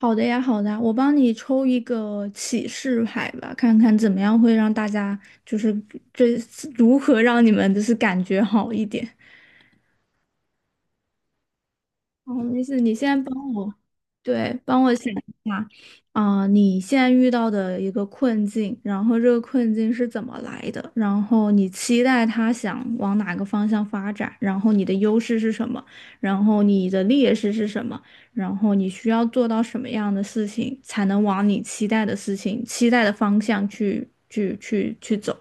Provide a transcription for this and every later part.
好的呀，好的呀，我帮你抽一个启示牌吧，看看怎么样会让大家就是这如何让你们就是感觉好一点。哦，没事，你先帮我，对，帮我想一下，你现在遇到的一个困境，然后这个困境是怎么来的？然后你期待它想往哪个方向发展？然后你的优势是什么？然后你的劣势是什么？然后你需要做到什么样的事情，才能往你期待的事情、期待的方向去走？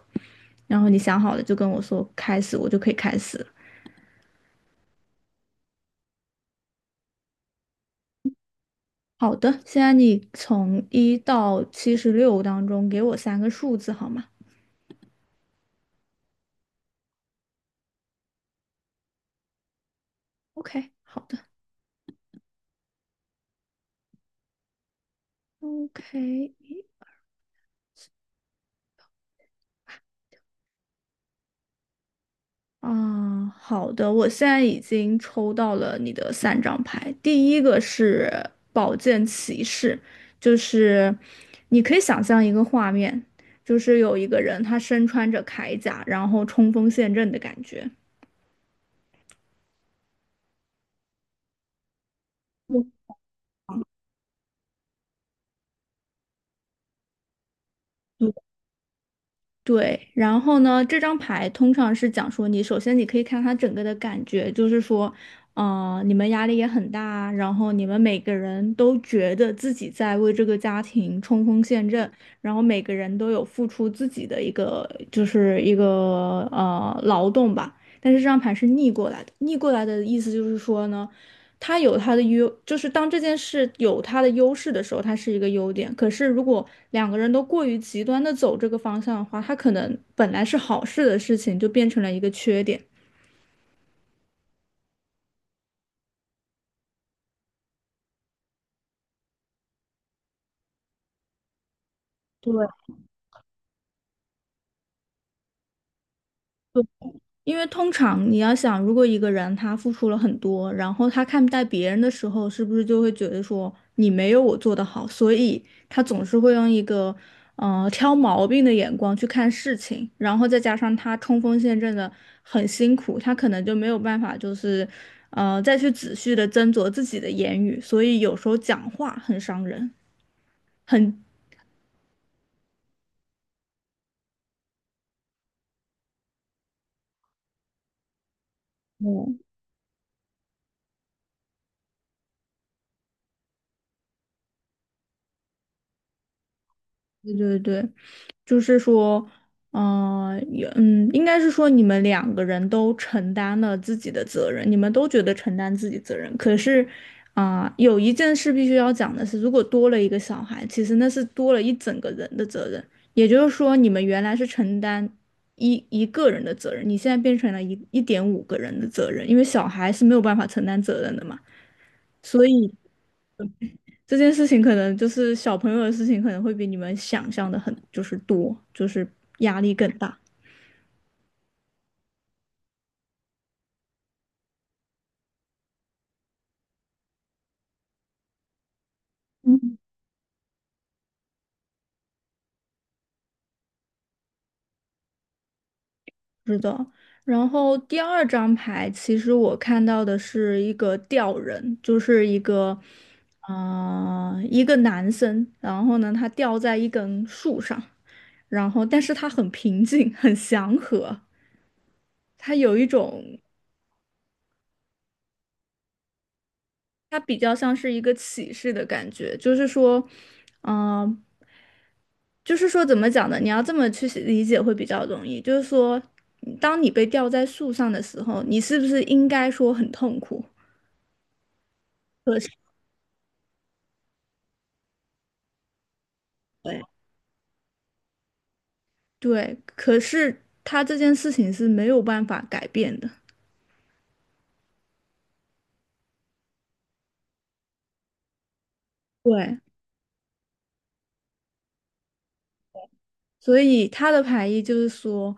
然后你想好了就跟我说开始，我就可以开始了。好的，现在你从一到76当中给我三个数字好吗？OK，好的，OK，啊，好的，我现在已经抽到了你的三张牌，第一个是宝剑骑士，就是你可以想象一个画面，就是有一个人他身穿着铠甲，然后冲锋陷阵的感觉。对对，然后呢，这张牌通常是讲说你，首先你可以看它整个的感觉，就是说，你们压力也很大，然后你们每个人都觉得自己在为这个家庭冲锋陷阵，然后每个人都有付出自己的一个，就是一个劳动吧。但是这张牌是逆过来的，逆过来的意思就是说呢。它有它的优，就是当这件事有它的优势的时候，它是一个优点。可是如果两个人都过于极端的走这个方向的话，它可能本来是好事的事情，就变成了一个缺点。对，因为通常你要想，如果一个人他付出了很多，然后他看待别人的时候，是不是就会觉得说你没有我做得好，所以他总是会用一个挑毛病的眼光去看事情，然后再加上他冲锋陷阵的很辛苦，他可能就没有办法就是再去仔细的斟酌自己的言语，所以有时候讲话很伤人，很，嗯，对对对。就是说，也应该是说你们两个人都承担了自己的责任，你们都觉得承担自己责任。可是，有一件事必须要讲的是，如果多了一个小孩，其实那是多了一整个人的责任。也就是说，你们原来是承担一个人的责任，你现在变成了一点五个人的责任，因为小孩是没有办法承担责任的嘛。所以这件事情可能就是小朋友的事情，可能会比你们想象的很就是多，就是压力更大。嗯，是的，然后第二张牌，其实我看到的是一个吊人，就是一个，一个男生，然后呢，他吊在一根树上，然后但是他很平静，很祥和，他有一种，他比较像是一个启示的感觉，就是说，嗯、就是说怎么讲呢？你要这么去理解会比较容易。就是说，当你被吊在树上的时候，你是不是应该说很痛苦？可是，对，对，可是他这件事情是没有办法改变的。对，所以他的排异就是说，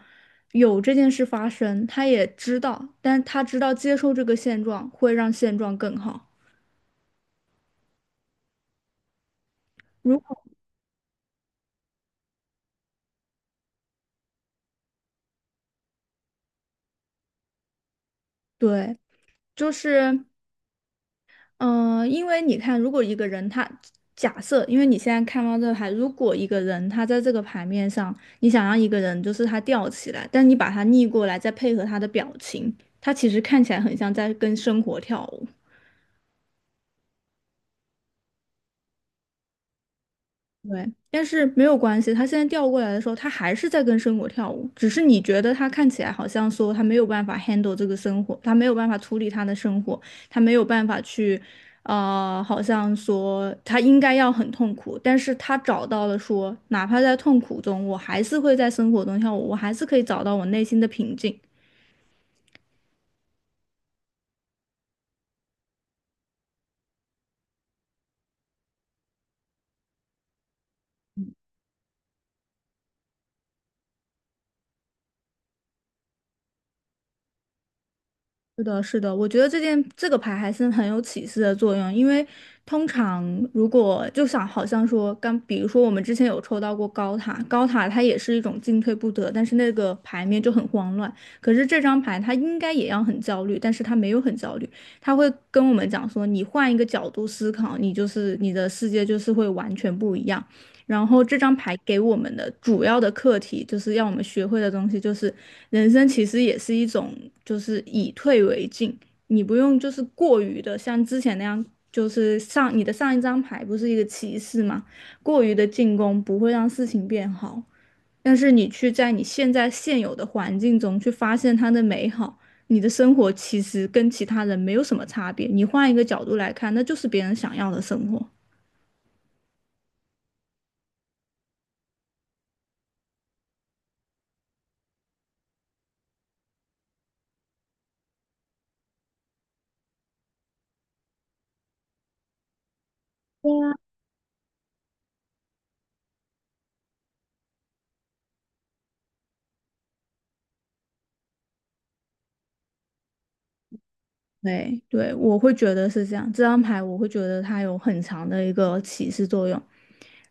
有这件事发生，他也知道，但他知道接受这个现状会让现状更好。如果对，就是。嗯，因为你看，如果一个人他假设，因为你现在看到这个牌，如果一个人他在这个牌面上，你想让一个人就是他吊起来，但你把他逆过来，再配合他的表情，他其实看起来很像在跟生活跳舞。对，但是没有关系，他现在调过来的时候，他还是在跟生活跳舞，只是你觉得他看起来好像说他没有办法 handle 这个生活，他没有办法处理他的生活，他没有办法去，好像说他应该要很痛苦，但是他找到了说，哪怕在痛苦中，我还是会在生活中跳舞，我还是可以找到我内心的平静。是的，是的，我觉得这件这个牌还是很有启示的作用，因为通常如果就想好像说刚，比如说我们之前有抽到过高塔，高塔它也是一种进退不得，但是那个牌面就很慌乱。可是这张牌它应该也要很焦虑，但是它没有很焦虑，它会跟我们讲说，你换一个角度思考，你就是你的世界就是会完全不一样。然后这张牌给我们的主要的课题，就是要我们学会的东西，就是人生其实也是一种，就是以退为进，你不用就是过于的像之前那样，就是上你的上一张牌不是一个骑士吗？过于的进攻不会让事情变好，但是你去在你现在现有的环境中去发现它的美好。你的生活其实跟其他人没有什么差别，你换一个角度来看，那就是别人想要的生活。对对，我会觉得是这样。这张牌我会觉得它有很强的一个启示作用。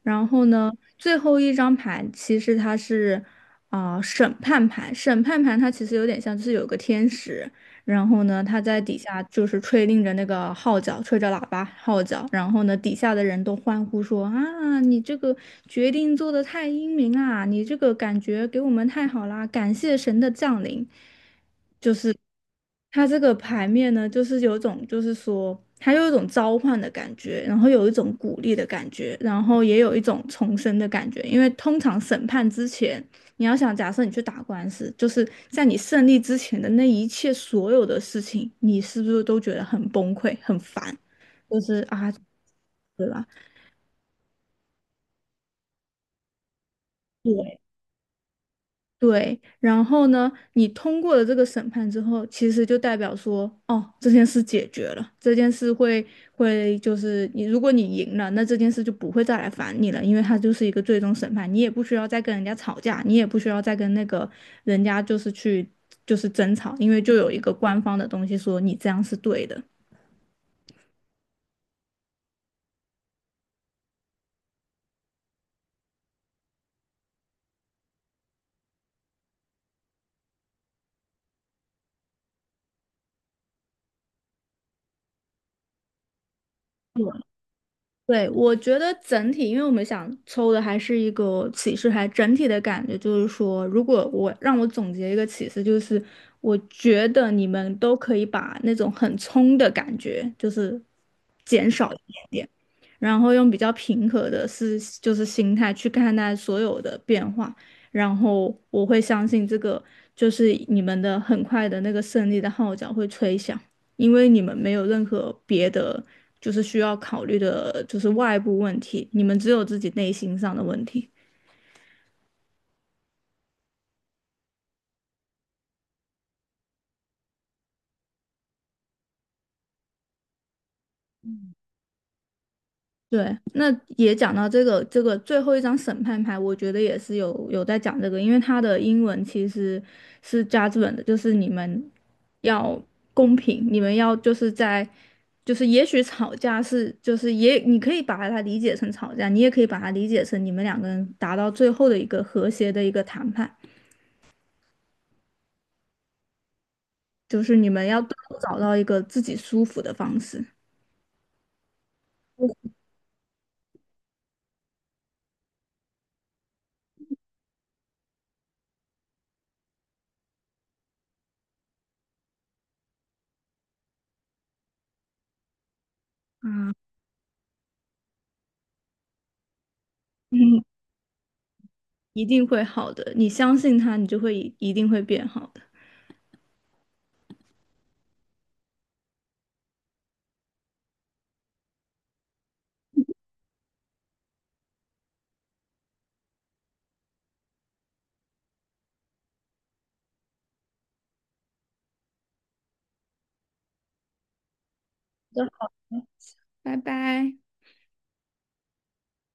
然后呢，最后一张牌其实它是审判牌，审判牌它其实有点像就是有个天使，然后呢他在底下就是吹令着那个号角，吹着喇叭号角，然后呢底下的人都欢呼说啊，你这个决定做得太英明啊，你这个感觉给我们太好啦，感谢神的降临。它这个牌面呢，就是有一种，就是说，它有一种召唤的感觉，然后有一种鼓励的感觉，然后也有一种重生的感觉。因为通常审判之前，你要想，假设你去打官司，就是在你胜利之前的那一切所有的事情，你是不是都觉得很崩溃、很烦？就是啊，对吧？对，然后呢，你通过了这个审判之后，其实就代表说，哦，这件事解决了，这件事会就是你，如果你赢了，那这件事就不会再来烦你了，因为它就是一个最终审判，你也不需要再跟人家吵架，你也不需要再跟那个人家就是去就是争吵，因为就有一个官方的东西说你这样是对的。对，我觉得整体，因为我们想抽的还是一个启示牌，整体的感觉就是说，如果我让我总结一个启示，就是我觉得你们都可以把那种很冲的感觉，就是减少一点点，然后用比较平和的就是心态去看待所有的变化，然后我会相信这个就是你们的很快的那个胜利的号角会吹响。因为你们没有任何别的就是需要考虑的，就是外部问题，你们只有自己内心上的问题。对，那也讲到这个最后一张审判牌，我觉得也是有在讲这个，因为它的英文其实是 JUD 的，就是你们要公平，你们要就是在就是也许吵架是就是也你可以把它理解成吵架，你也可以把它理解成你们两个人达到最后的一个和谐的一个谈判。就是你们要都找到一个自己舒服的方式，嗯，一定会好的。你相信他，你就会一定会变好的。拜拜。